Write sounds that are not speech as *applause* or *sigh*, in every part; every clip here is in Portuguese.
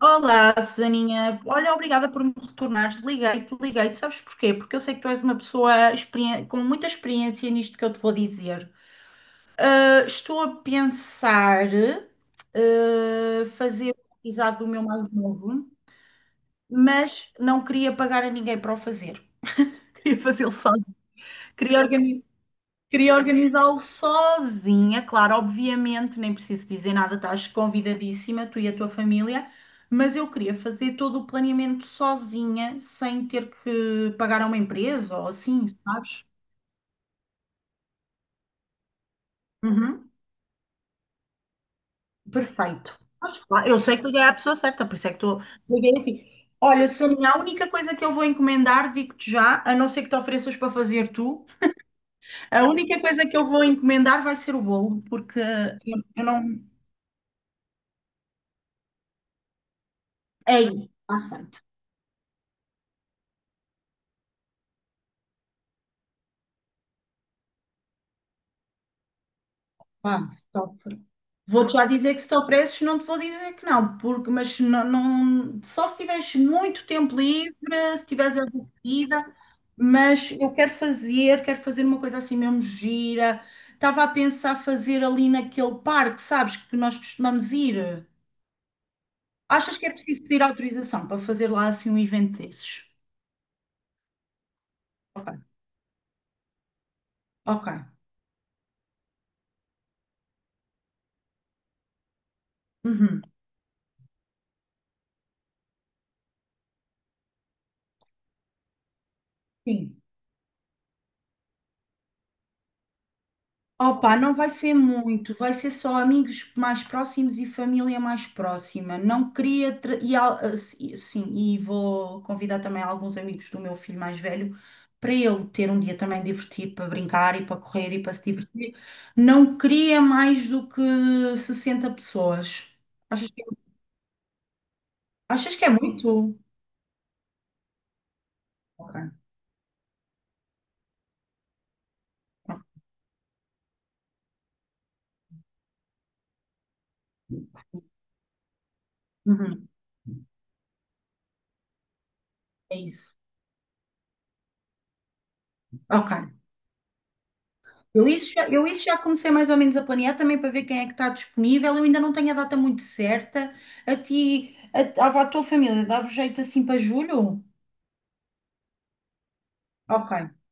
Olá, Susaninha. Olha, obrigada por me retornares. Liguei-te. Sabes porquê? Porque eu sei que tu és uma pessoa com muita experiência nisto que eu te vou dizer. Estou a pensar fazer o batizado do meu mais novo, mas não queria pagar a ninguém para o fazer. *laughs* Queria fazê-lo só. Queria organizar. Queria organizá-lo sozinha, claro, obviamente, nem preciso dizer nada, estás convidadíssima, tu e a tua família, mas eu queria fazer todo o planeamento sozinha, sem ter que pagar a uma empresa ou assim, sabes? Uhum. Perfeito. Eu sei que liguei à pessoa certa, por isso é que estou liguei a ti. Olha, Sonia, a única coisa que eu vou encomendar, digo-te já, a não ser que te ofereças para fazer tu, a única coisa que eu vou encomendar vai ser o bolo, porque eu não. É isso, está feito. Pá, sofro. Vou-te já dizer que se te ofereces, não te vou dizer que não, porque, mas se não, só se tiveres muito tempo livre, se tiveres a vida, mas eu quero fazer uma coisa assim mesmo gira. Estava a pensar fazer ali naquele parque, sabes, que nós costumamos ir. Achas que é preciso pedir autorização para fazer lá assim um evento desses? Ok. Ok. Uhum. Sim. Opa, não vai ser muito, vai ser só amigos mais próximos e família mais próxima. Não queria. Tra- E, al- ah, si- sim, e vou convidar também alguns amigos do meu filho mais velho para ele ter um dia também divertido para brincar e para correr e para se divertir. Não queria mais do que 60 pessoas. Achas que, achas que é muito? Ok. Uhum. É isso. Ok. Eu isso já comecei mais ou menos a planear também para ver quem é que está disponível. Eu ainda não tenho a data muito certa. À tua família, dava jeito assim para julho? Ok.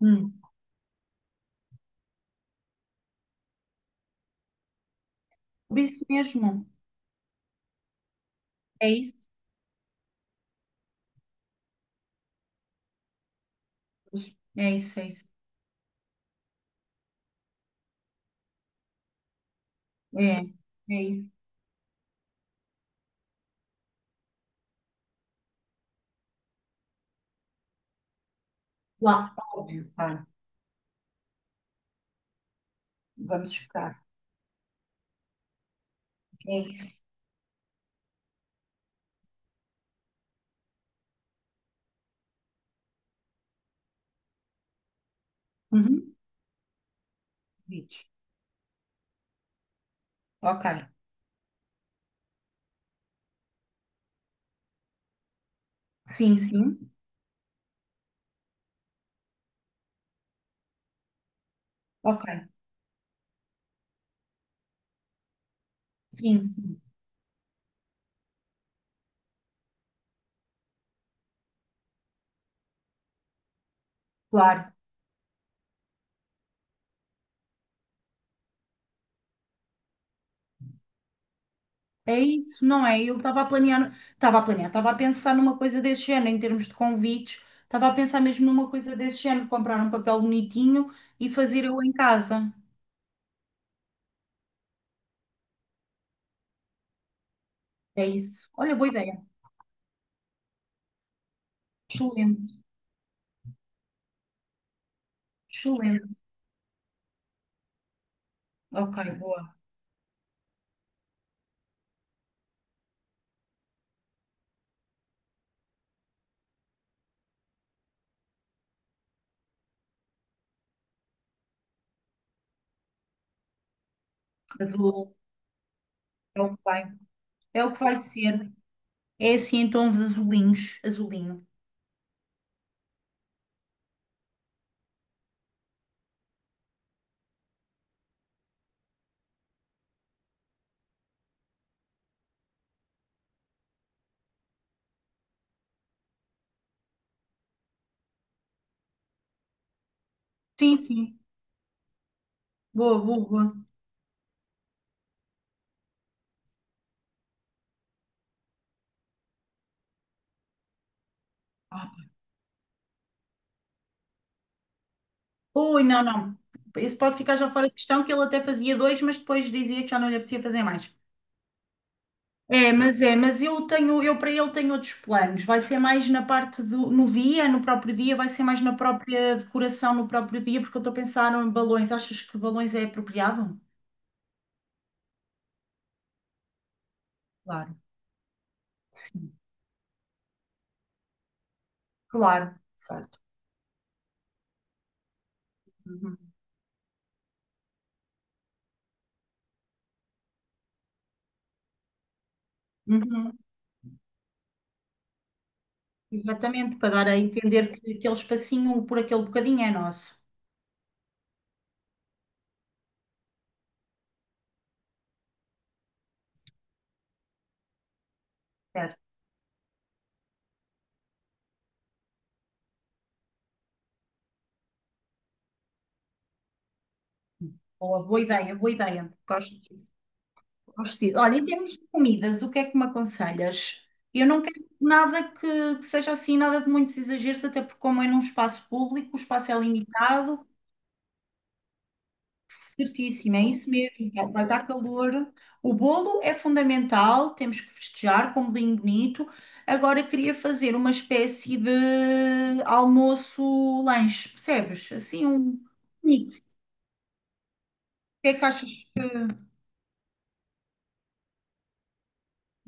Hum. Por isso mesmo. É isso. É isso. É, é isso. Lá, óbvio, claro. Vamos ficar. É isso. Uhum. Diz. Ok. Sim, sim. Ok. Sim, sim. Claro. É isso, não é? Eu estava a pensar numa coisa desse género, em termos de convites, estava a pensar mesmo numa coisa desse género, comprar um papel bonitinho e fazer eu em casa. É isso. Olha, boa ideia. Excelente, excelente. Ok, boa. Azul, é o que vai. É o que vai ser. É assim em tons azulinhos, azulinho. Sim, sim. Boa, boa, boa. Ah. Ui, não, não. Esse pode ficar já fora de questão, que ele até fazia dois, mas depois dizia que já não lhe apetecia fazer mais. Mas eu tenho, eu para ele tenho outros planos. Vai ser mais na no dia, no próprio dia, vai ser mais na própria decoração, no próprio dia, porque eu estou a pensar em balões. Achas que balões é apropriado? Claro. Sim, claro. Certo. Uhum. Uhum. Exatamente, para dar a entender que aquele espacinho por aquele bocadinho é nosso. Certo. Boa, boa ideia, boa ideia. Gosto. Hostil. Olha, em termos de comidas, o que é que me aconselhas? Eu não quero nada que seja assim, nada de muitos exageros, até porque como é num espaço público, o espaço é limitado, certíssimo, é isso mesmo, vai dar calor. O bolo é fundamental, temos que festejar com um bolinho bonito. Agora queria fazer uma espécie de almoço-lanche, percebes? Assim, um mix. O que é que achas?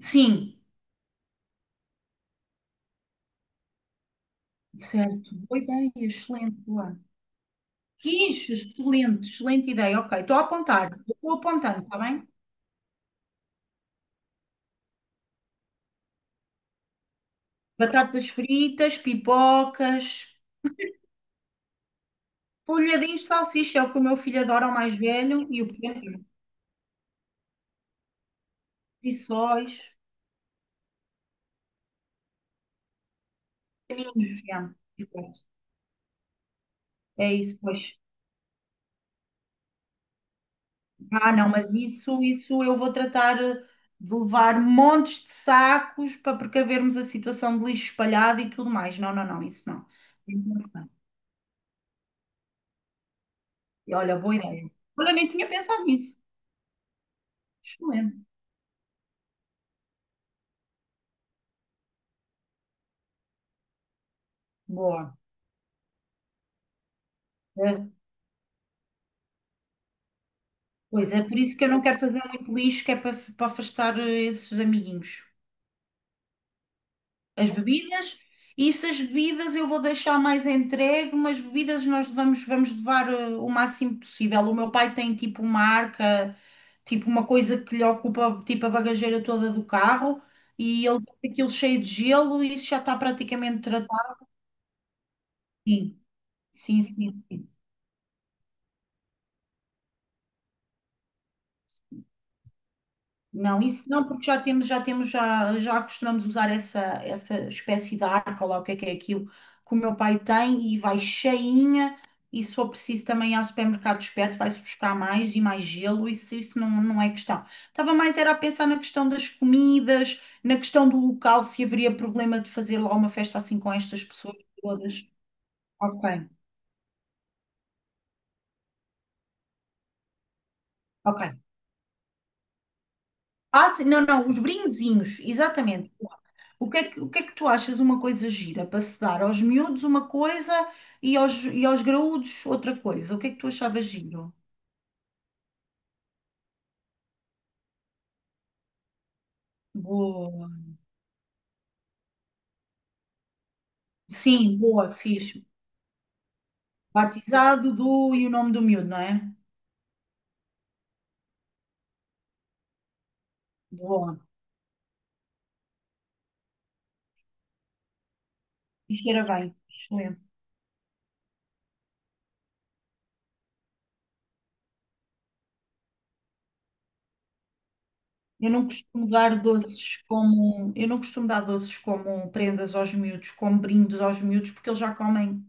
Sim, certo. Boa ideia, excelente, boa. Quiche, excelente, excelente ideia. Ok, estou a apontar, estou apontando, está bem? Batatas fritas, pipocas, polhadinhos de salsicha, é o que o meu filho adora, o mais velho, e o pequeno, rissóis, pequeninos, já. E pronto. É isso, pois. Ah, não, mas isso eu vou tratar de levar montes de sacos para precavermos a situação de lixo espalhado e tudo mais. Não, não, não, isso não. Isso não. E olha, boa ideia. Olha, nem tinha pensado nisso. Excelente. Boa. Pois é, por isso que eu não quero fazer muito lixo, que é para, para afastar esses amiguinhos. As bebidas, e se as bebidas eu vou deixar mais entregue, mas bebidas nós vamos levar o máximo possível. O meu pai tem tipo uma arca, tipo uma coisa que lhe ocupa tipo a bagageira toda do carro, e ele tem aquilo cheio de gelo e isso já está praticamente tratado. Sim, sim, sim. Sim. Não, isso não, porque já costumamos usar essa espécie de arca, ou lá o que é aquilo que o meu pai tem e vai cheinha. E se for preciso também há supermercados perto, vai-se buscar mais e mais gelo, isso não, não é questão. Estava mais era a pensar na questão das comidas, na questão do local, se haveria problema de fazer lá uma festa assim com estas pessoas todas. Ok, ok. Ah, sim, não, não, os brindezinhos, exatamente. O que é que tu achas uma coisa gira para se dar aos miúdos uma coisa e aos graúdos outra coisa? O que é que tu achavas giro? Boa. Sim, boa, fixe. Batizado do e o nome do miúdo, não é? Boa. E cheira bem. Excelente. Eu não costumo dar doces como prendas aos miúdos, como brindes aos miúdos, porque eles já comem.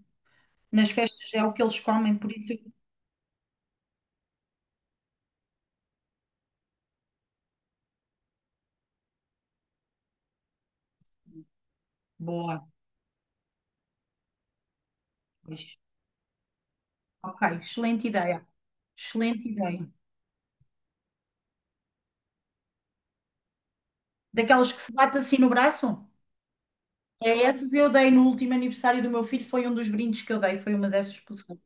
Nas festas é o que eles comem, por isso. Boa. Pois. Ok, excelente ideia. Excelente ideia. Daquelas que se bate assim no braço? É essas eu dei no último aniversário do meu filho, foi um dos brindes que eu dei, foi uma dessas pulseiras.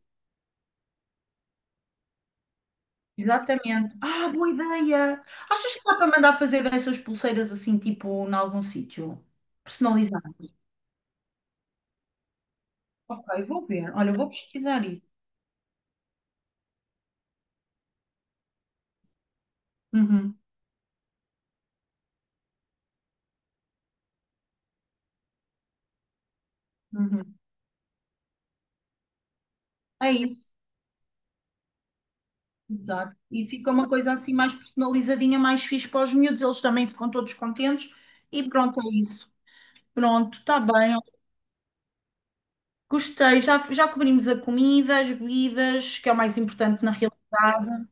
Exatamente. Ah, boa ideia! Achas que dá para mandar fazer dessas pulseiras assim, tipo, em algum sítio? Personalizado. Ok, vou ver. Olha, eu vou pesquisar isso. Uhum, uhum. É isso, exato. E fica uma coisa assim mais personalizadinha, mais fixe para os miúdos, eles também ficam todos contentes. E pronto, é isso. Pronto, está bem. Gostei, já cobrimos a comida, as bebidas, que é o mais importante na realidade.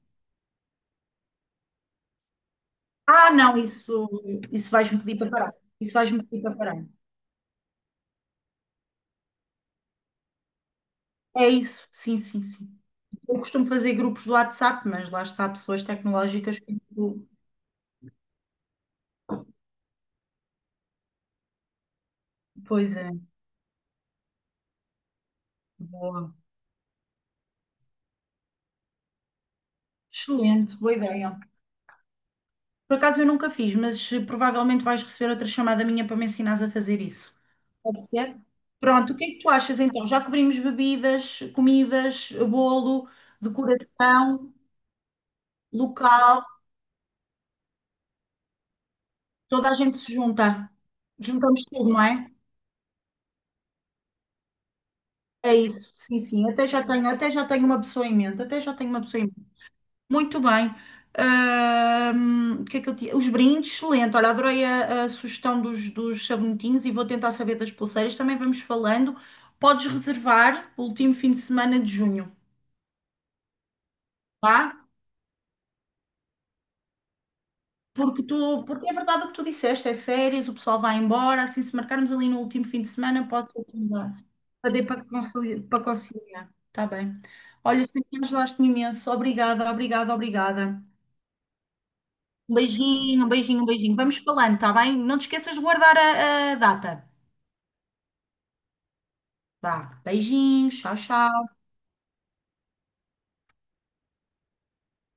Ah, não, isso vais-me pedir para parar. Isso vais-me pedir para parar. É isso, sim, sim, sim. Eu costumo fazer grupos do WhatsApp, mas lá está, pessoas tecnológicas. Que pois é, boa. Excelente, boa ideia. Por acaso eu nunca fiz, mas provavelmente vais receber outra chamada minha para me ensinares a fazer isso. Pode ser? Pronto, o que é que tu achas então? Já cobrimos bebidas, comidas, bolo, decoração. Local, toda a gente se junta. Juntamos tudo, não é? É isso, sim, sim. Até já tenho uma pessoa em mente. Até já tenho uma pessoa em mente. Muito bem. O que é que eu tinha? Os brindes, excelente. Olha, adorei a sugestão dos sabonetinhos e vou tentar saber das pulseiras. Também vamos falando. Podes reservar o último fim de semana de junho, tá? Porque é verdade o que tu disseste, é férias, o pessoal vai embora, assim, se marcarmos ali no último fim de semana, pode ser que ainda para dê para conciliar. Para conciliar. Está bem. Olha, sempre me ajudaste imenso. Obrigada, obrigada, obrigada. Um beijinho, um beijinho, um beijinho. Vamos falando, está bem? Não te esqueças de guardar a data. Vá, beijinhos, tchau, tchau.